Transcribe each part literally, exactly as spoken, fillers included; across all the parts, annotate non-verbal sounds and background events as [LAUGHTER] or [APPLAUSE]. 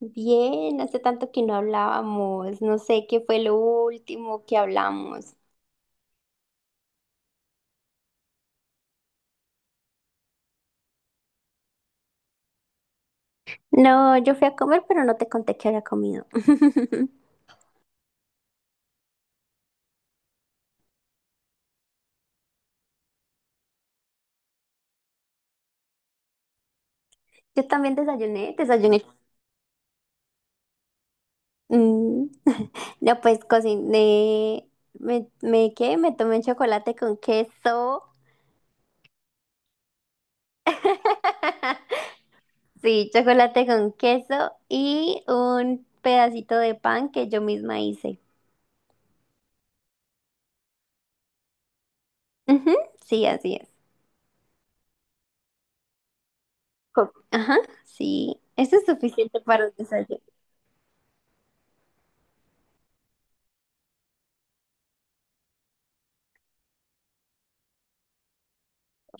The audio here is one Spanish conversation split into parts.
Bien, hace tanto que no hablábamos, no sé qué fue lo último que hablamos. No, yo fui a comer, pero no te conté que había comido. [LAUGHS] Yo también desayuné, desayuné. Mm, no, pues cociné, me, me, ¿qué? Me tomé chocolate con queso. [LAUGHS] Sí, chocolate con queso y un pedacito de pan que yo misma hice. Ujú, sí, así es. Co- Ajá, sí. Eso es suficiente para un desayuno.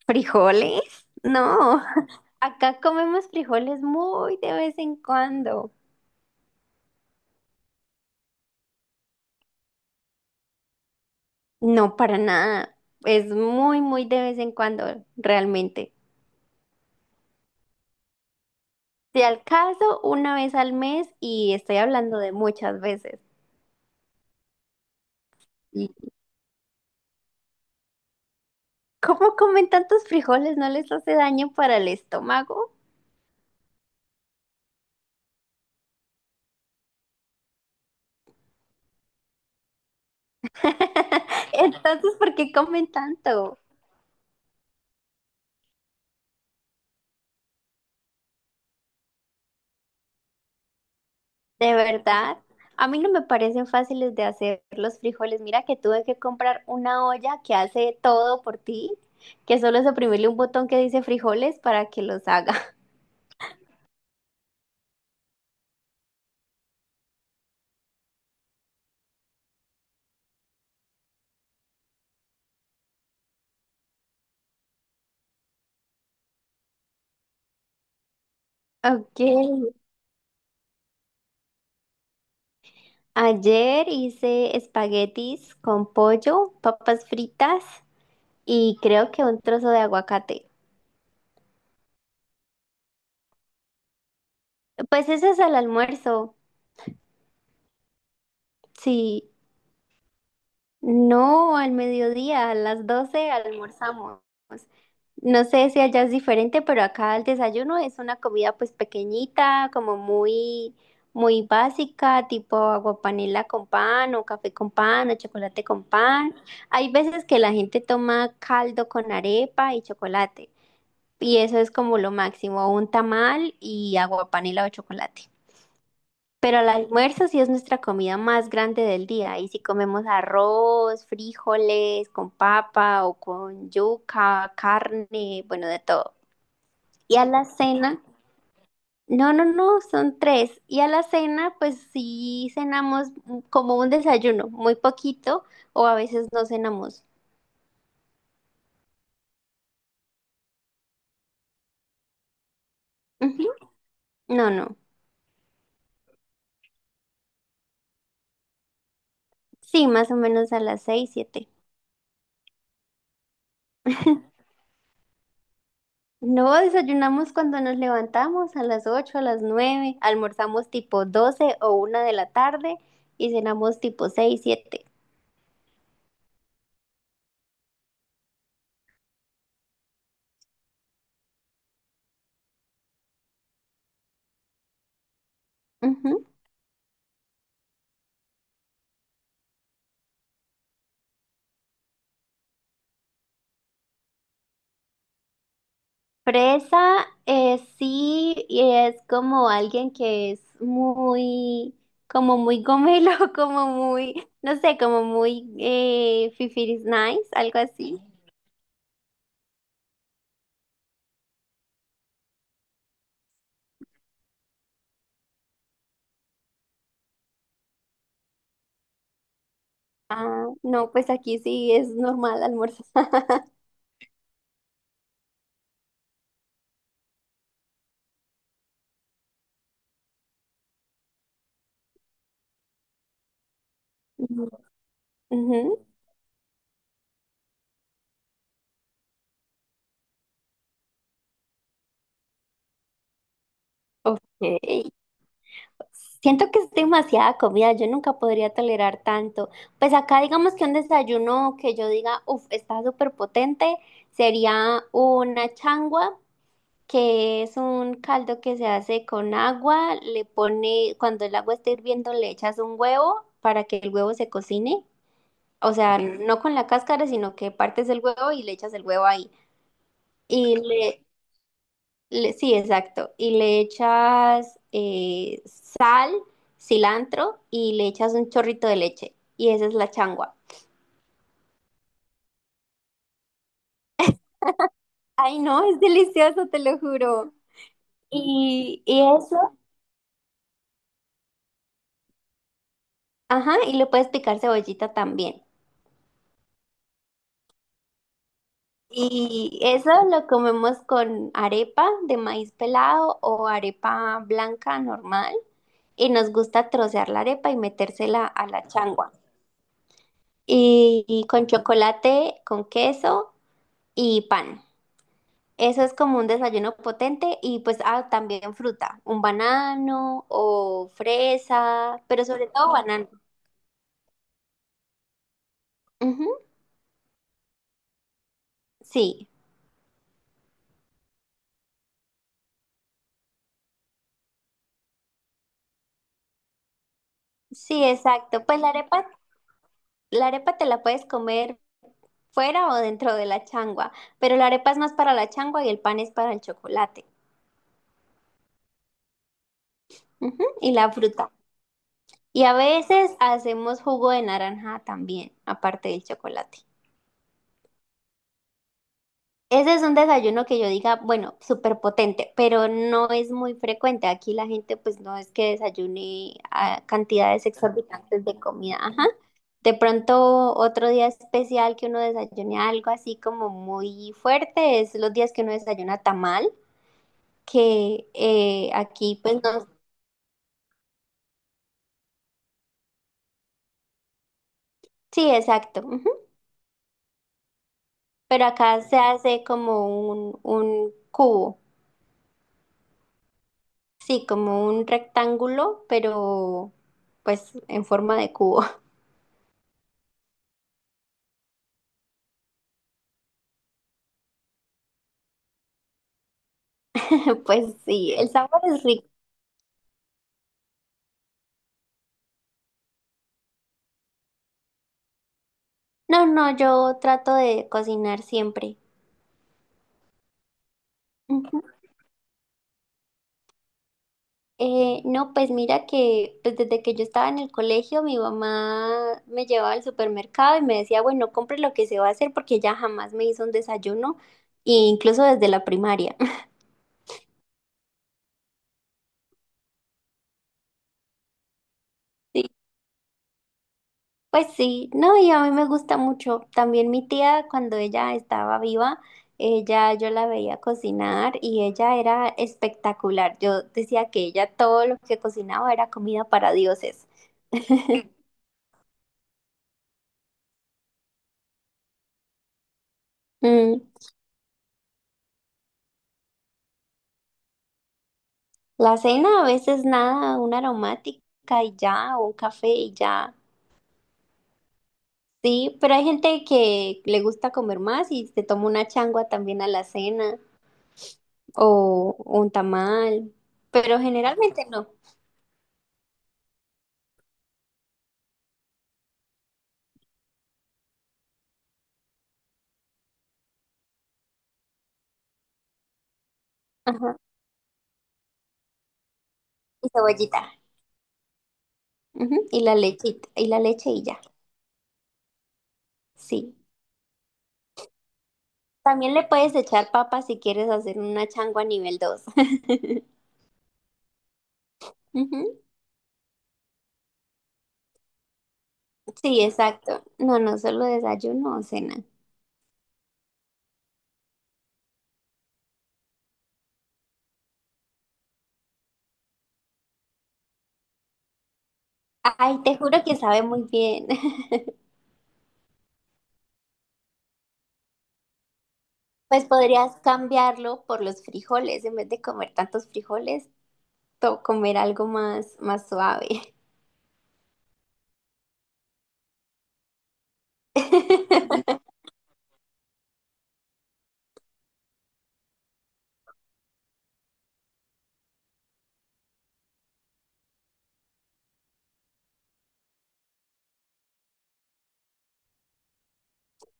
¿Frijoles? No, [LAUGHS] acá comemos frijoles muy de vez en cuando. No, para nada. Es muy, muy de vez en cuando, realmente. Si al caso, una vez al mes y estoy hablando de muchas veces. ¿Y cómo comen tantos frijoles? ¿No les hace daño para el estómago? [LAUGHS] Entonces, ¿por qué comen tanto? ¿De verdad? A mí no me parecen fáciles de hacer los frijoles. Mira que tuve que comprar una olla que hace todo por ti, que solo es oprimirle un botón que dice frijoles para que los haga. [LAUGHS] Ok. Ayer hice espaguetis con pollo, papas fritas y creo que un trozo de aguacate. Pues ese es el almuerzo. Sí. No, al mediodía, a las doce almorzamos. No sé si allá es diferente, pero acá el desayuno es una comida pues pequeñita, como muy, muy básica, tipo aguapanela con pan o café con pan o chocolate con pan. Hay veces que la gente toma caldo con arepa y chocolate, y eso es como lo máximo, un tamal y aguapanela o chocolate. Pero el almuerzo sí es nuestra comida más grande del día. Y si comemos arroz, frijoles, con papa o con yuca, carne, bueno, de todo. Y a la cena, no, no, no, son tres. Y a la cena, pues sí cenamos como un desayuno, muy poquito, o a veces no cenamos. Ujú. No, no. Sí, más o menos a las seis, siete. No, desayunamos cuando nos levantamos a las ocho a las nueve, almorzamos tipo doce o una de la tarde y cenamos tipo seis siete. Ujú. Fresa, eh, sí, y es como alguien que es muy, como muy gomelo, [LAUGHS] como muy, no sé, como muy eh, fifiris nice, algo así. Ah, no, pues aquí sí es normal almorzar. [LAUGHS] Ujú. Ok. Siento que es demasiada comida, yo nunca podría tolerar tanto. Pues acá digamos que un desayuno que yo diga, uff, está súper potente, sería una changua, que es un caldo que se hace con agua, le pone, cuando el agua está hirviendo le echas un huevo para que el huevo se cocine, o sea, no con la cáscara, sino que partes el huevo y le echas el huevo ahí. Y le, le- sí, exacto. Y le echas eh, sal, cilantro y le echas un chorrito de leche. Y esa es la changua. Ay, no, es delicioso, te lo juro. Y, y eso, ajá, y le puedes picar cebollita también. Y eso lo comemos con arepa de maíz pelado o arepa blanca normal. Y nos gusta trocear la arepa y metérsela a la changua. y y con chocolate, con queso y pan. Eso es como un desayuno potente y pues ah, también fruta, un banano o fresa, pero sobre todo banano. Ujú, sí, sí, exacto. Pues la arepa, la arepa te la puedes comer fuera o dentro de la changua, pero la arepa es más para la changua y el pan es para el chocolate. Ujú, y la fruta. Y a veces hacemos jugo de naranja también, aparte del chocolate. Ese es un desayuno que yo diga, bueno, súper potente, pero no es muy frecuente. Aquí la gente pues no es que desayune a cantidades exorbitantes de comida. Ajá. De pronto otro día especial que uno desayune algo así como muy fuerte es los días que uno desayuna tamal, que eh, aquí pues no. Sí, exacto. Ujú. Pero acá se hace como un, un, cubo, sí, como un rectángulo, pero pues en forma de cubo. [LAUGHS] Pues sí, el sabor es rico. No, no, yo trato de cocinar siempre. Ujú. Eh, no, pues mira que pues desde que yo estaba en el colegio, mi mamá me llevaba al supermercado y me decía, bueno, compre lo que se va a hacer porque ella jamás me hizo un desayuno, e incluso desde la primaria. [LAUGHS] Pues sí, no, y a mí me gusta mucho. También mi tía, cuando ella estaba viva, ella, yo la veía cocinar y ella era espectacular. Yo decía que ella todo lo que cocinaba era comida para dioses. [LAUGHS] Mm, la cena a veces nada, una aromática y ya, o un café y ya. Sí, pero hay gente que le gusta comer más y se toma una changua también a la cena o, o un tamal, pero generalmente no. Ajá. Y cebollita. Ujú, y la lechita, y la leche y ya. Sí. También le puedes echar papa si quieres hacer una changua nivel dos. [LAUGHS] Ujú, sí, exacto. No, no solo desayuno o cena. Ay, te juro que sabe muy bien. [LAUGHS] Pues podrías cambiarlo por los frijoles. En vez de comer tantos frijoles, to- comer algo más, más suave. [LAUGHS]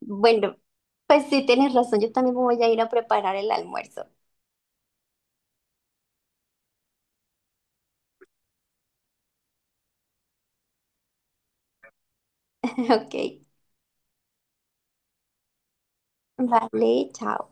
Bueno, pues sí, tienes razón. Yo también voy a ir a preparar el almuerzo. [LAUGHS] Ok. Vale, chao.